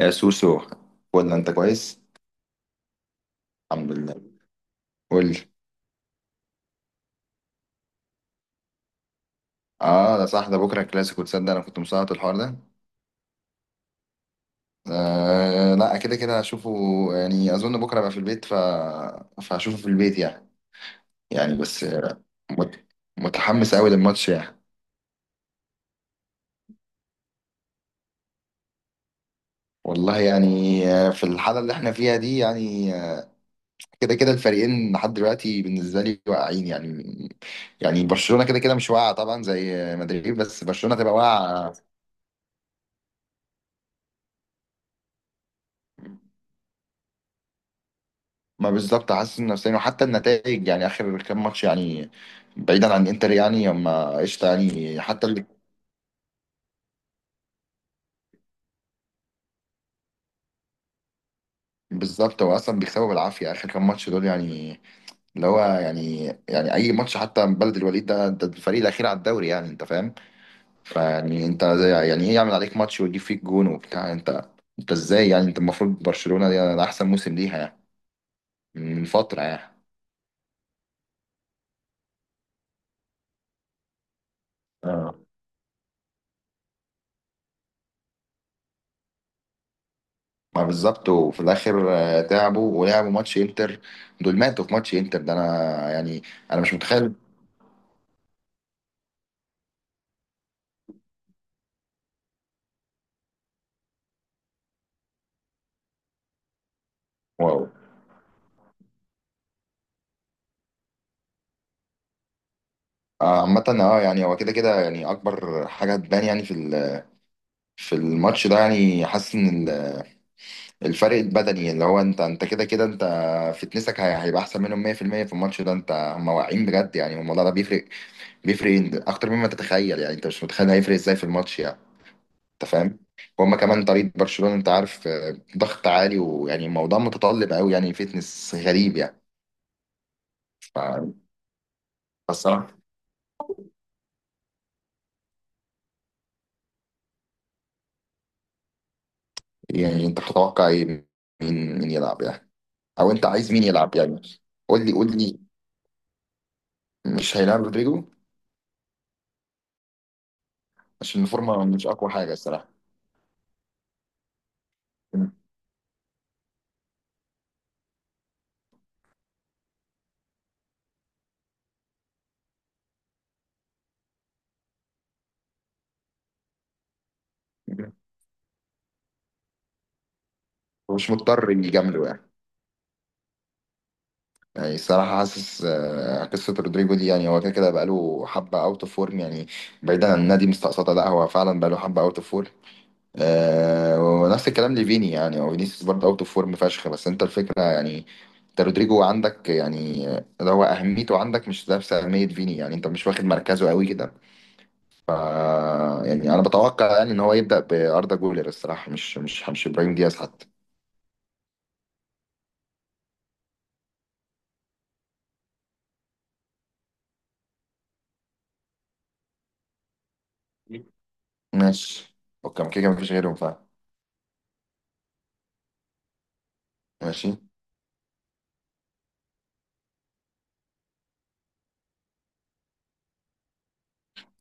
يا سوسو، ولا انت كويس؟ الحمد لله. قول لي. اه، ده صح، ده بكره كلاسيكو، تصدق انا كنت مسقط الحوار ده. آه، لا، كده كده هشوفه. يعني اظن بكره ابقى في البيت، ف فهشوفه في البيت يعني بس مت... متحمس قوي للماتش يعني. والله يعني، في الحاله اللي احنا فيها دي يعني، كده كده الفريقين لحد دلوقتي بالنسبه لي واقعين يعني. برشلونه كده كده مش واقعه طبعا زي مدريد، بس برشلونه تبقى واقعه. ما بالظبط، حاسس نفسيا وحتى النتائج يعني، اخر كام ماتش يعني، بعيدا عن انتر يعني، اما قشطه يعني حتى اللي. بالظبط، هو اصلا بيكسبوا بالعافيه اخر كام ماتش دول يعني، اللي هو يعني، اي ماتش حتى من بلد الوليد ده الفريق الاخير على الدوري يعني، انت فاهم. فيعني انت زي يعني ايه، يعمل عليك ماتش ويجيب فيك جون وبتاع انت، ازاي يعني؟ انت المفروض برشلونه دي ده احسن موسم ليها يعني، من فتره يعني. ما بالظبط، وفي الاخر تعبوا ولعبوا ماتش انتر. دول ماتوا في ماتش انتر ده، انا يعني مش متخيل. واو. عامة اه يعني، هو كده كده يعني اكبر حاجة تبان يعني في في الماتش ده يعني. حاسس ان الفرق البدني اللي هو انت كده كده انت فتنسك هيبقى احسن منهم 100% في المية في الماتش ده. انت هم واعيين بجد، يعني الموضوع ده بيفرق، اكتر مما تتخيل يعني، انت مش متخيل هيفرق ازاي في الماتش يعني. انت فاهم. وهم كمان طريقه برشلونه انت عارف، ضغط عالي، ويعني الموضوع متطلب قوي يعني، فيتنس غريب يعني. ف- فالصراحه يعني، انت بتتوقع ايه؟ مين يلعب يعني؟ او انت عايز مين يلعب يعني؟ قول لي، قول لي. مش هيلعب رودريجو؟ عشان الفورمه مش اقوى حاجه الصراحه، مش مضطر يجامله يعني. يعني الصراحة، حاسس قصة رودريجو دي، يعني هو كده كده بقاله حبة اوت اوف فورم يعني. بعيدا عن النادي مستقصدة، لا هو فعلا بقاله حبة اوت اوف فورم. آه، ونفس الكلام لفيني يعني، هو فينيسيوس برضه اوت اوف فورم فشخ. بس انت الفكره يعني، انت رودريجو عندك يعني، اللي هو اهميته عندك مش نفس اهميه فيني يعني، انت مش واخد مركزه قوي كده. ف، يعني انا بتوقع يعني ان هو يبدا باردا جولر الصراحه، مش ابراهيم دياز حتى. ماشي. اوكي، ما كده كده مفيش غيرهم فعلا. ماشي.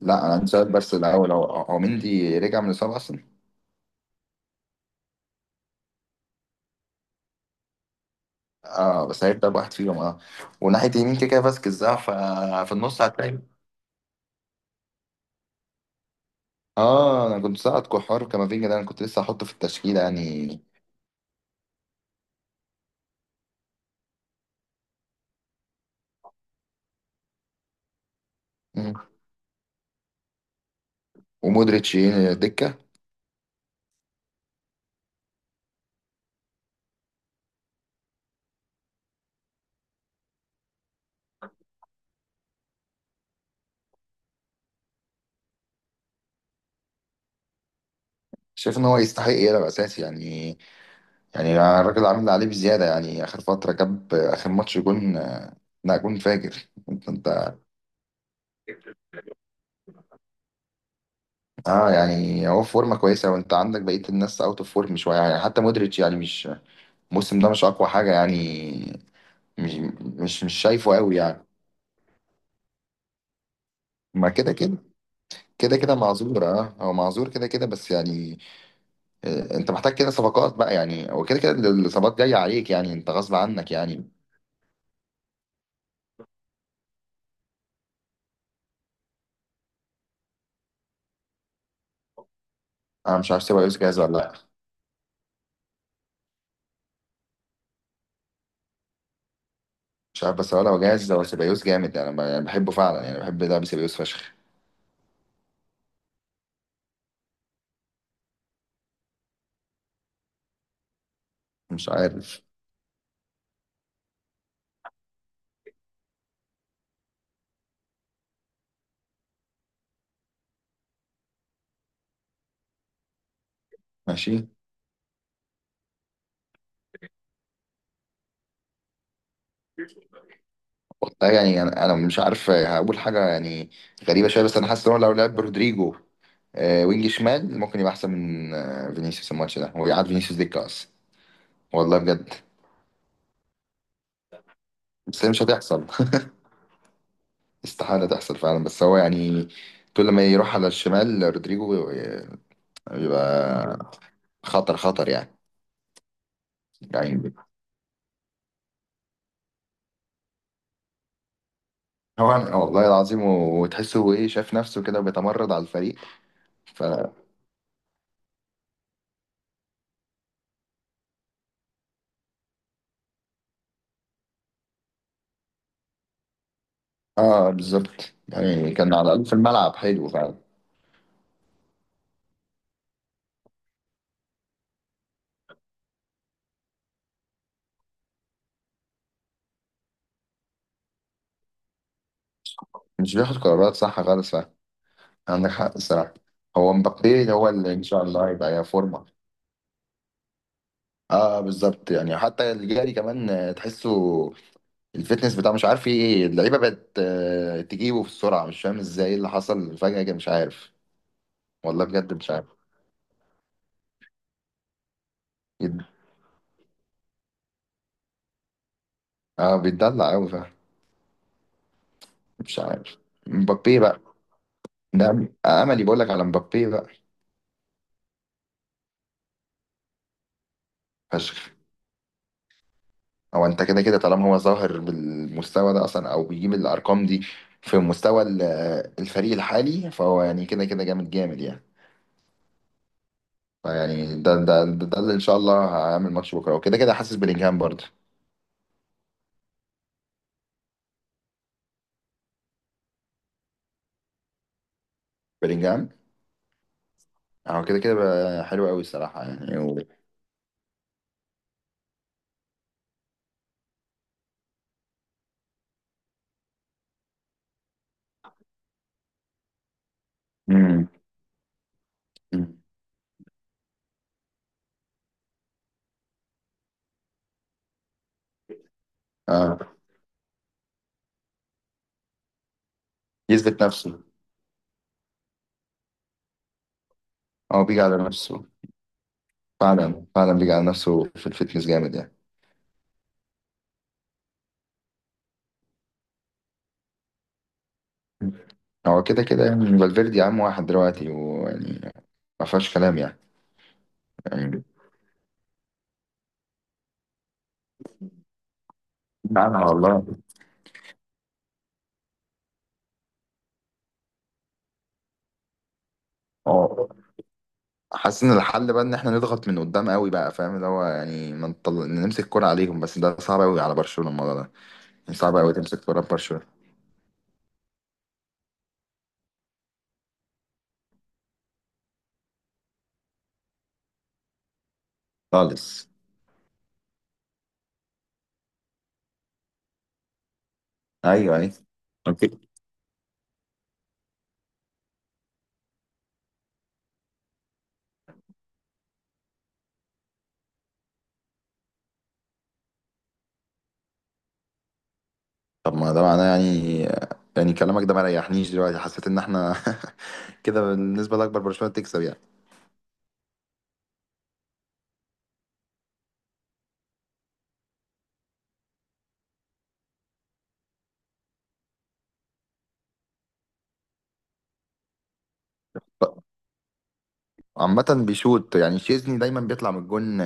لا، انا عندي سؤال بس الاول، هو مندي رجع من الاصابه اصلا؟ اه، بس هيبدا بواحد فيهم اه. وناحيه يمين كده كده فاسكيز، اه ففي النص هتلاقي. اه، انا كنت ساعد كوحار وكامافينجا ده، انا كنت لسه هحطه في التشكيله يعني. مم. ومودريتش دكه؟ شايف ان هو يستحق يلعب اساسي يعني؟ الراجل عامل اللي عليه بزياده يعني، اخر فتره جاب اخر ماتش جون لا جون فاجر. انت. اه يعني هو في فورمه كويسه، وانت عندك بقيه الناس اوت اوف فورم شويه يعني. حتى مودريتش يعني مش، الموسم ده مش اقوى حاجه يعني، مش مش شايفه قوي يعني. ما كده كده، كده كده معذور، اه هو معذور كده كده بس يعني. انت محتاج كده صفقات بقى يعني، وكده كده الاصابات جايه عليك يعني، انت غصب عنك يعني. انا مش عارف سيبايوس جاهز ولا لا. مش عارف بس، هو لو جاهز هو سيبايوس جامد يعني. انا يعني بحبه فعلا يعني، بحب لعب سيبايوس فشخ. مش عارف. ماشي. والله يعني، انا مش عارف هقول حاجه يعني. غريبه شويه بس، انا حاسس ان هو لو لعب برودريجو وينج شمال، ممكن يبقى احسن من فينيسيوس الماتش ده، ويقعد فينيسيوس دكه اصلا. والله بجد. بس هي مش هتحصل. استحاله تحصل فعلا. بس هو يعني، كل ما يروح على الشمال رودريجو، بيبقى خطر خطر يعني. يعني هو، والله العظيم، وتحسه هو ايه، شاف نفسه كده بيتمرد على الفريق. ف. اه بالظبط يعني، كان على الاقل في الملعب حلو فعلا. مش بياخد قرارات صح خالص فعلا، عندك حق الصراحه. هو مبابي هو اللي ان شاء الله هيبقى يا فورمه. اه بالظبط، يعني حتى الجاري كمان تحسه الفتنس بتاعه مش عارف ايه، اللعيبه بقت تجيبه في السرعه، مش فاهم ازاي اللي حصل فجاه كده. مش عارف. والله بجد مش عارف. يد- اه بيتدلع قوي. مش عارف. مبابي بقى، ده املي، بقول لك على مبابي بقى فشخ. هو انت كده كده طالما هو ظاهر بالمستوى ده اصلا، او بيجيب الارقام دي في مستوى الفريق الحالي، فهو يعني كده كده جامد جامد يعني. فيعني ده اللي ان شاء الله هعمل ماتش بكره، وكده كده حاسس بلينجهام برضه. بلينجهام هو كده كده بقى حلو قوي الصراحه يعني، مم. مم. آه. يثبت نفسه. هو بيجي على نفسه. فعلا فعلا بيجي على نفسه في الفتنس جامد يعني. هو كده كده يعني، فالفيردي عام واحد دلوقتي، ويعني ما فيهاش كلام يعني. يعني نعم والله. اه، حاسس ان الحل بقى ان احنا نضغط من قدام قوي بقى فاهم، اللي هو يعني ما نطل... نمسك كرة عليهم، بس ده صعب قوي على برشلونة الموضوع ده. يعني صعب قوي تمسك كرة ببرشلونة خالص. ايوه، ايوه. اوكي. طب ما ده معناه يعني، كلامك ده ما ريحنيش، دلوقتي حسيت ان احنا كده بالنسبة لأكبر برشلونة تكسب يعني. عامة بيشوط يعني، شيزني دايما بيطلع من الجون.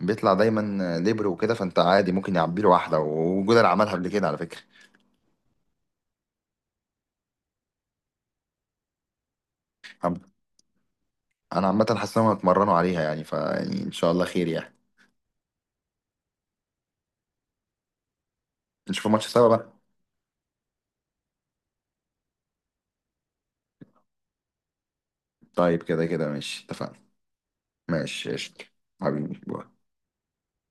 بيطلع دايما ليبر وكده، فانت عادي ممكن يعبي له واحده، وجولر عملها قبل كده على فكره. عم- انا عامه حاسس انهم هيتمرنوا عليها يعني، فيعني ان شاء الله خير يعني. نشوف الماتش سوا بقى. طيب كده كده ماشي، اتفقنا. ماشي قشطة. حبيبي، باي.